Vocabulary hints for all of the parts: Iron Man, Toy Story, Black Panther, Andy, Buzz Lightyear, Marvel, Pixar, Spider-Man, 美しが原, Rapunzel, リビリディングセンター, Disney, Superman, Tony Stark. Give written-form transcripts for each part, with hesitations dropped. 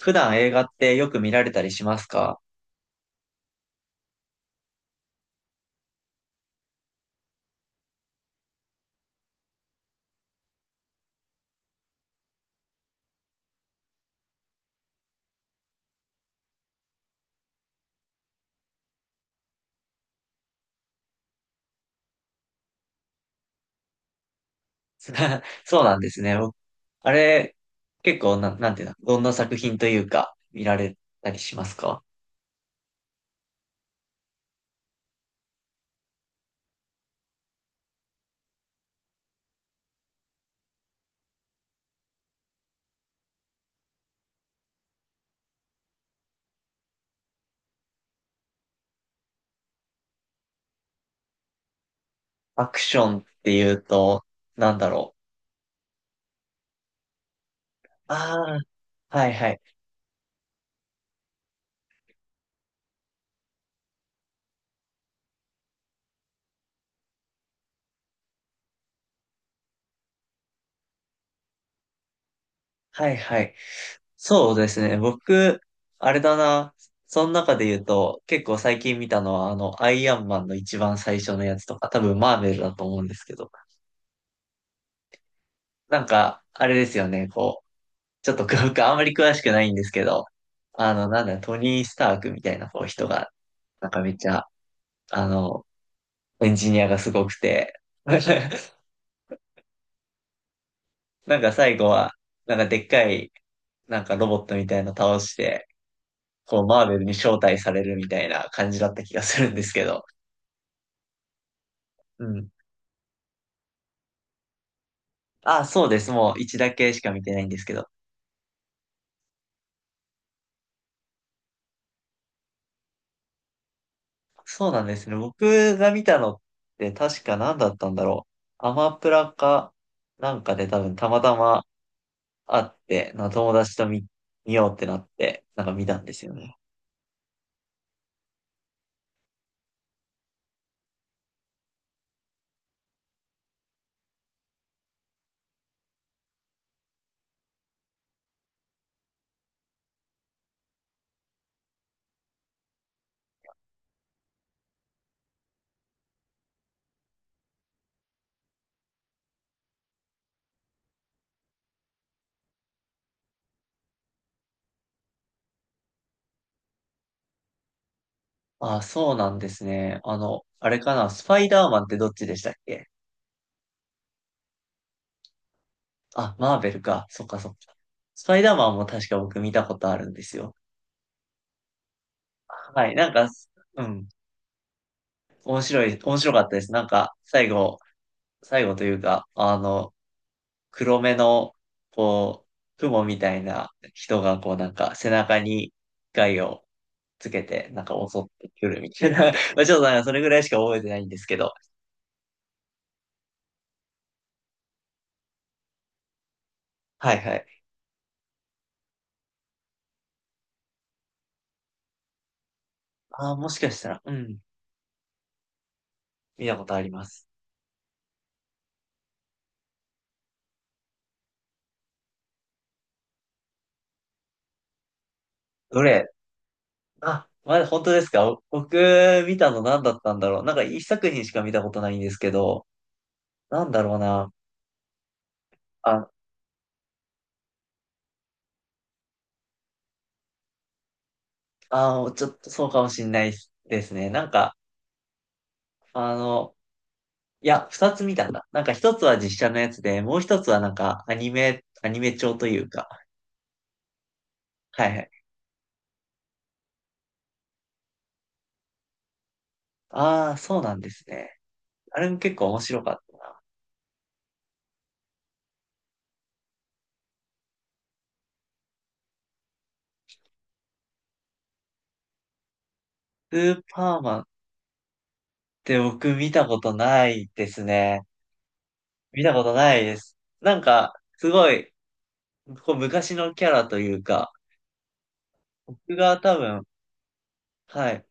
普段映画ってよく見られたりしますか？ そうなんですね。僕あれ、結構な、なんていうの、どんな作品というか、見られたりしますか？アクションっていうと、なんだろう。ああ、はいはい。はいはい。そうですね。僕、あれだな。その中で言うと、結構最近見たのは、あの、アイアンマンの一番最初のやつとか、多分マーベルだと思うんですけど、なんか、あれですよね、こう、ちょっと僕あんまり詳しくないんですけど、あの、なんだ、トニー・スタークみたいなこう人が、なんかめっちゃ、あの、エンジニアがすごくて、なんか最後は、なんかでっかい、なんかロボットみたいなの倒して、こう、マーベルに招待されるみたいな感じだった気がするんですけど。うん。あ、そうです。もう一だけしか見てないんですけど。そうなんですね。僕が見たのって確か何だったんだろう。アマプラかなんかで多分たまたまあって、なんか友達と見ようってなって、なんか見たんですよね。あ、そうなんですね。あの、あれかな、スパイダーマンってどっちでしたっけ？あ、マーベルか。そっかそっか。スパイダーマンも確か僕見たことあるんですよ。はい、なんか、うん、面白かったです。なんか、最後というか、あの、黒目の、こう、雲みたいな人が、こうなんか背中に害をつけて、なんか襲ってくるみたいな。まあちょっとなんかそれぐらいしか覚えてないんですけど。はいはい。ああ、もしかしたら、うん、見たことあります。どれ？あ、まだ本当ですか？僕、見たの何だったんだろう。なんか一作品しか見たことないんですけど、なんだろうな。あ、ちょっとそうかもしんないですね。なんか、あの、いや、二つ見たんだ。なんか一つは実写のやつで、もう一つはなんかアニメ調というか。はいはい。ああ、そうなんですね。あれも結構面白かった。スーパーマンって僕見たことないですね。見たことないです。なんか、すごい、こう昔のキャラというか、僕が多分、はい、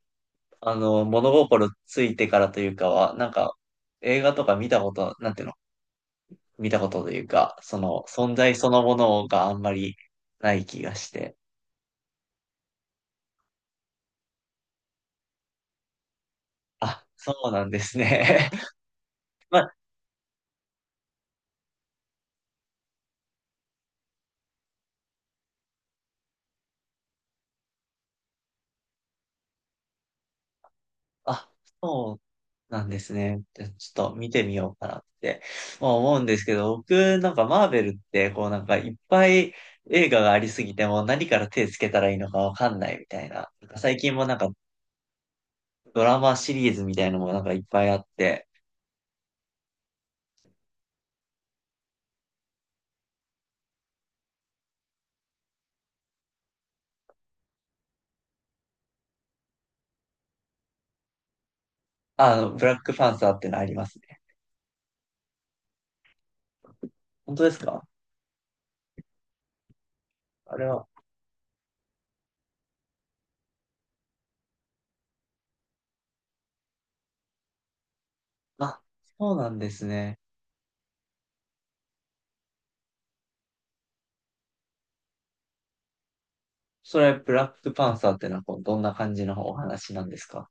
あの、物心ついてからというかは、なんか、映画とか見たこと、なんていうの、見たことというか、その、存在そのものがあんまりない気がして。あ、そうなんですね。まあ、あ、そうなんですね。ちょっと見てみようかなってまあ思うんですけど、僕なんかマーベルってこうなんかいっぱい映画がありすぎてもう何から手つけたらいいのかわかんないみたいな。なんか最近もなんかドラマシリーズみたいのもなんかいっぱいあって、あの、ブラックパンサーってのありますね。本当ですか？あれは。あ、そうなんですね。それ、ブラックパンサーってのはこうどんな感じのお話なんですか？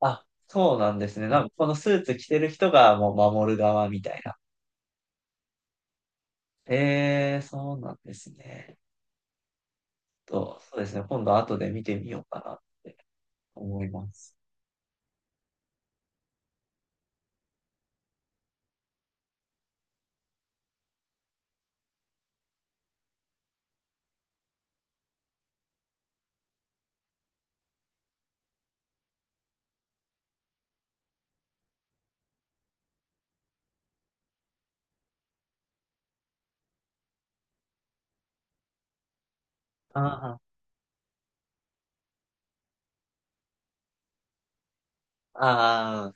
あ、そうなんですね。なんかこのスーツ着てる人がもう守る側みたいな。ええ、そうなんですね。と、そうですね。今度後で見てみようかなと思います。ああ、ああ、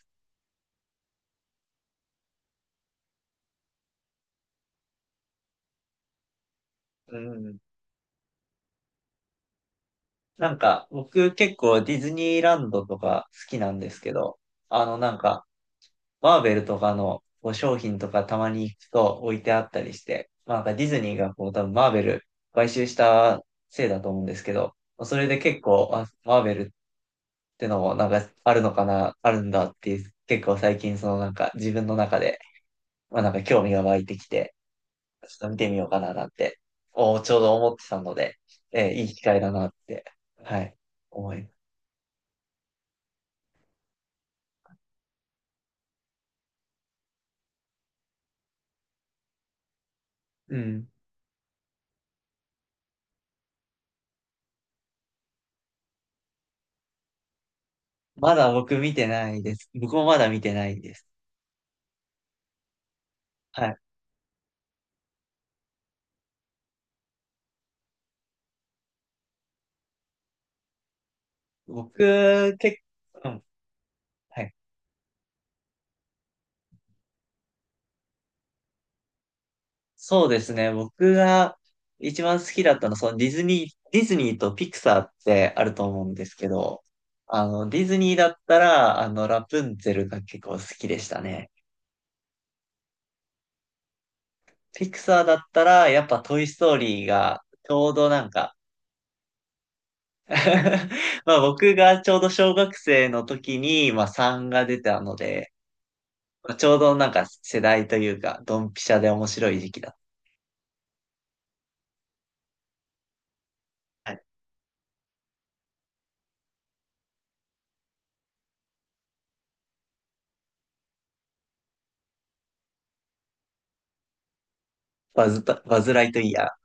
うん。なんか、僕結構ディズニーランドとか好きなんですけど、あのなんか、マーベルとかのこう商品とかたまに行くと置いてあったりして、まあなんかディズニーがこう多分マーベル買収したせいだと思うんですけど、それで結構、あ、マーベルってのもなんかあるのかな、あるんだっていう、結構最近そのなんか自分の中でまあなんか興味が湧いてきて、ちょっと見てみようかななんて、ちょうど思ってたので、いい機会だなって、はい、思います。うん。まだ僕見てないです。僕もまだ見てないです。はい。僕、結構、うん、はい。そうですね。僕が一番好きだったのは、そのディズニーとピクサーってあると思うんですけど、あの、ディズニーだったら、あの、ラプンツェルが結構好きでしたね。ピクサーだったら、やっぱトイストーリーが、ちょうどなんか。 まあ僕がちょうど小学生の時に、まあ3が出たので、まあちょうどなんか世代というか、ドンピシャで面白い時期だった。はい。バズライトイヤー。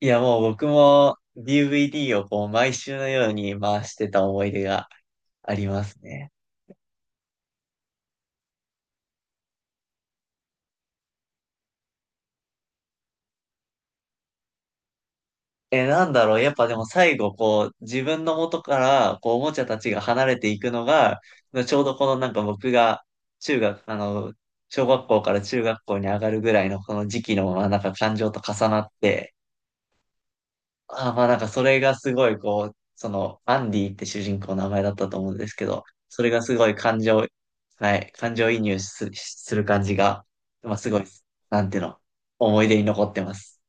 いやもう僕も DVD をこう毎週のように回してた思い出がありますね。え、なんだろう。やっぱでも最後、こう、自分の元から、こう、おもちゃたちが離れていくのが、ちょうどこのなんか僕が、中学、あの、小学校から中学校に上がるぐらいのこの時期の、まあなんか感情と重なって、ああまあなんかそれがすごい、こう、その、アンディって主人公の名前だったと思うんですけど、それがすごい感情、はい、感情移入す、する感じが、まあすごい、なんていうの、思い出に残ってます。